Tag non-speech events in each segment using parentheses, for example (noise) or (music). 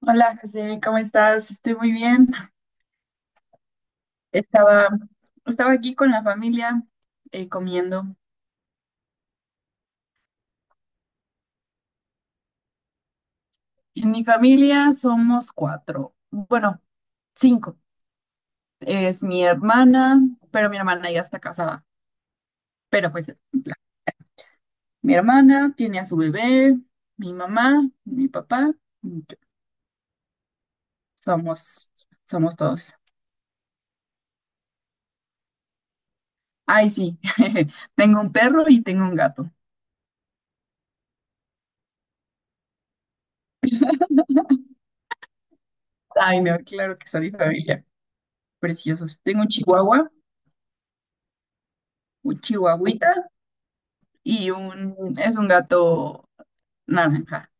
Hola, José, ¿cómo estás? Estoy muy bien. Estaba, estaba aquí con la familia comiendo. En mi familia somos cuatro, bueno, cinco. Es mi hermana, pero mi hermana ya está casada. Pero pues es mi hermana tiene a su bebé, mi mamá, mi papá, y yo. Somos, somos todos. Ay, sí, (laughs) tengo un perro y tengo un gato. Ay, no, claro que son mi familia. Preciosos. Tengo un chihuahua, un chihuahuita. Y es un gato naranja.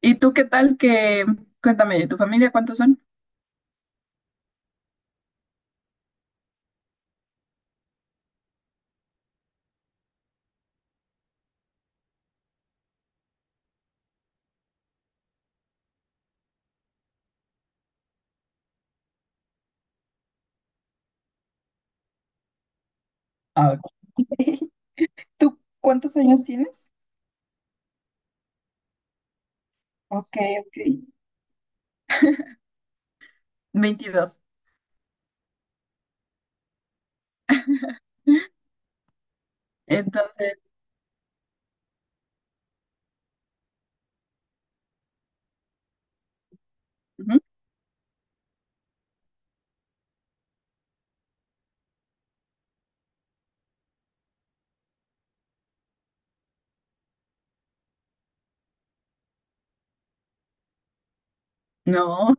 ¿Y tú qué cuéntame, de tu familia cuántos son? Ah, ok. (laughs) ¿Tú cuántos años tienes? Ok, ok. 22. Entonces, ujú. No,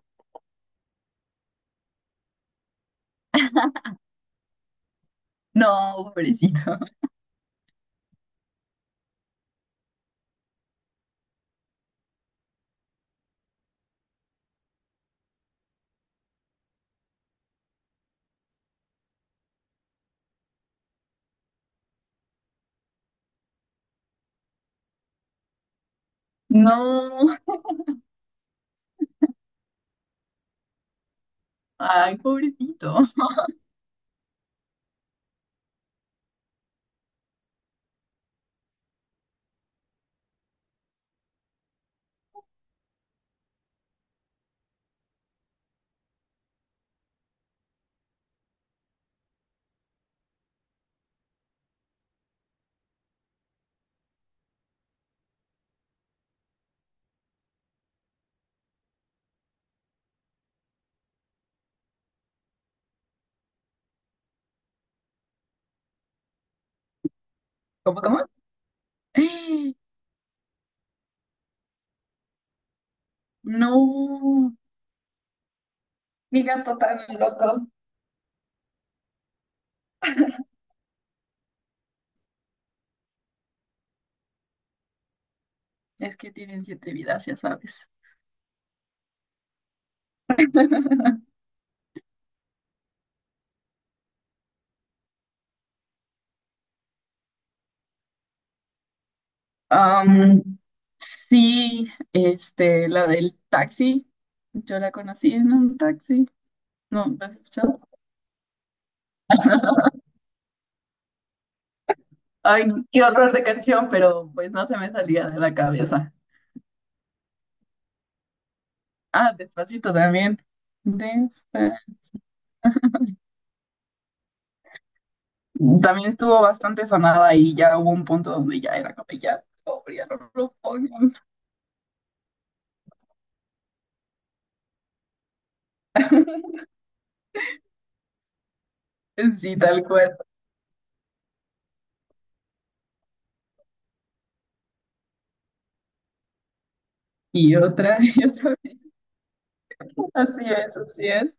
no, pobrecito. (laughs) No, ay, pobrecito. ¿Cómo, cómo? (gasps) No, mi gato tan loco. Es que tienen siete vidas, ya sabes. Am, sí, la del taxi. Yo la conocí en un taxi. No, ¿la has escuchado? Ay, no, qué horror de canción, pero pues no se me salía de la cabeza. Ah, Despacito también. Despa- También estuvo bastante sonada y ya hubo un punto donde ya era como ya, por favor, ya no lo pongan. Sí, tal cual. Y otra, (laughs) y otra. Así es, así es.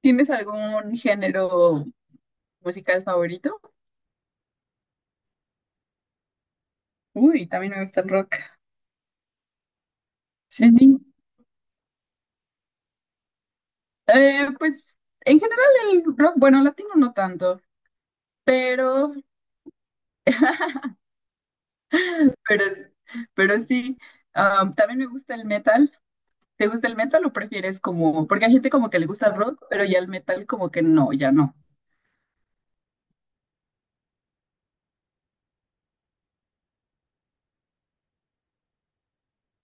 ¿Tienes algún género musical favorito? Uy, también me gusta el rock. Sí, sí. Pues en general el rock, bueno, latino no tanto, pero, pero, pero sí. Am, también me gusta el metal. ¿Te gusta el metal o prefieres como, porque hay gente como que le gusta el rock, pero ya el metal como que no, ya no.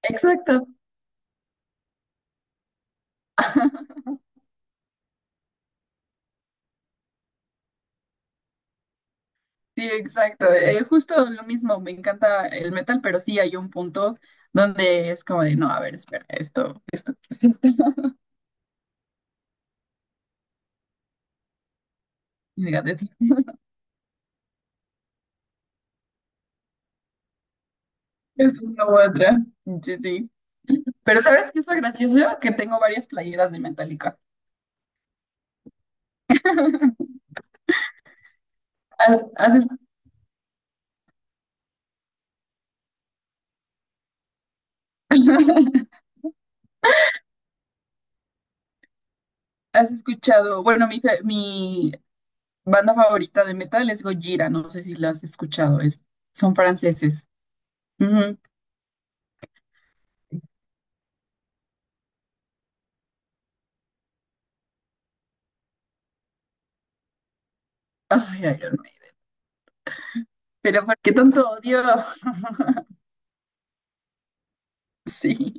Exacto. (laughs) Sí, exacto. Justo lo mismo, me encanta el metal, pero sí hay un punto donde es como de, no, a ver, espera, (laughs) esto. Es una u otra. Sí, sí. Pero ¿sabes qué es lo gracioso? Que tengo varias playeras de Metallica. ¿Has, has es- (laughs) ¿has escuchado? Bueno, mi banda favorita de metal es Gojira, no sé si la has escuchado, es, son franceses. Ujú. Ay, Iron Maiden. Pero ¿por qué tanto odio? (laughs) Sí.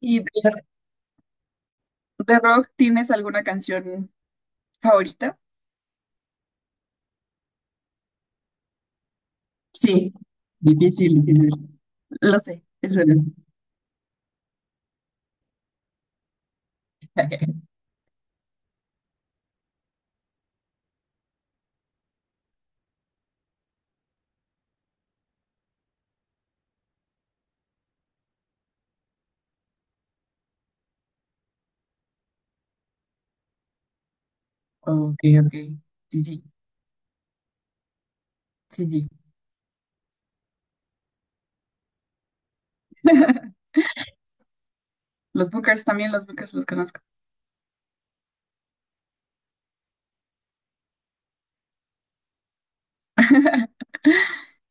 ¿Y de rock tienes alguna canción favorita? Sí. Difícil, difícil. Lo sé, eso no. (laughs) Ok, ok. Sí, sí, sí, sí. (laughs) Los Bookers también, los Bookers los conozco.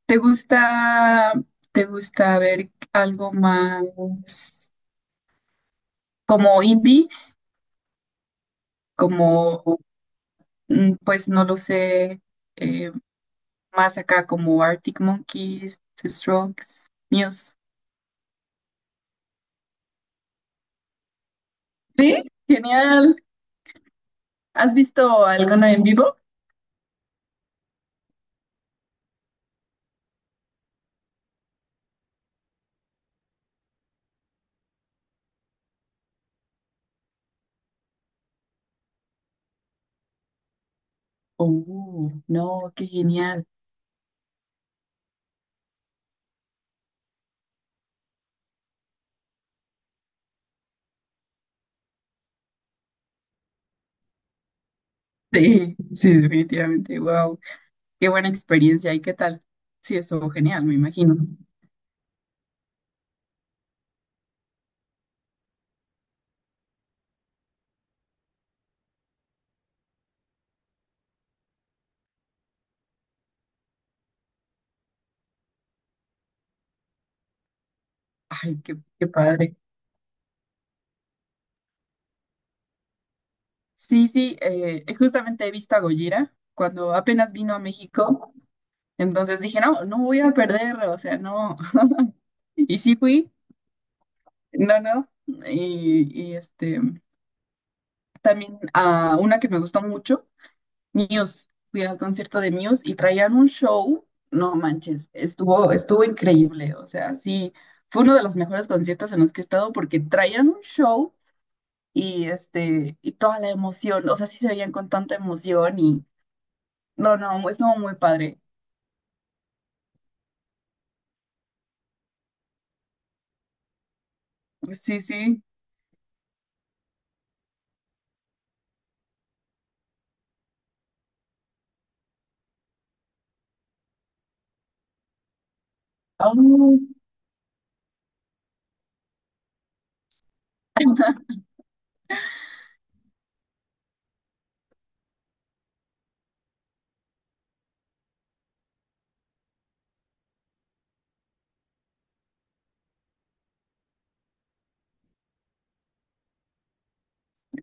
¿Te gusta, te gusta ver algo más como indie, como, mm, pues no lo sé, eh, más acá como Arctic Monkeys, The Strokes, Muse? Sí, genial. ¿Has visto alguno en vivo? Oh, no, qué genial. Sí, sí, definitivamente. Wow, qué buena experiencia. ¿Y qué tal? Sí, estuvo genial, me imagino. Ay, qué, qué padre. Sí, sí, justamente he visto a Gojira cuando apenas vino a México, entonces dije, no, no voy a perder, o sea, no. (laughs) Y sí fui, no, no. Y, este, también a una que me gustó mucho, Muse. Fui al concierto de Muse y traían un show, no manches, estuvo increíble, o sea, sí, fue uno de los mejores conciertos en los que he estado porque traían un show y este, y toda la emoción, o sea, sí se veían con tanta emoción y no, no, estuvo muy padre. Sí, sí. Ah, no.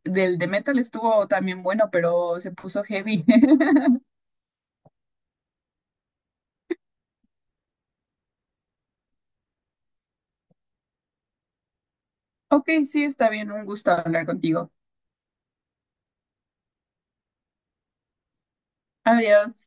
Del de metal estuvo también bueno, pero se puso heavy. (laughs) Ok, sí, está bien. Un gusto hablar contigo. Adiós.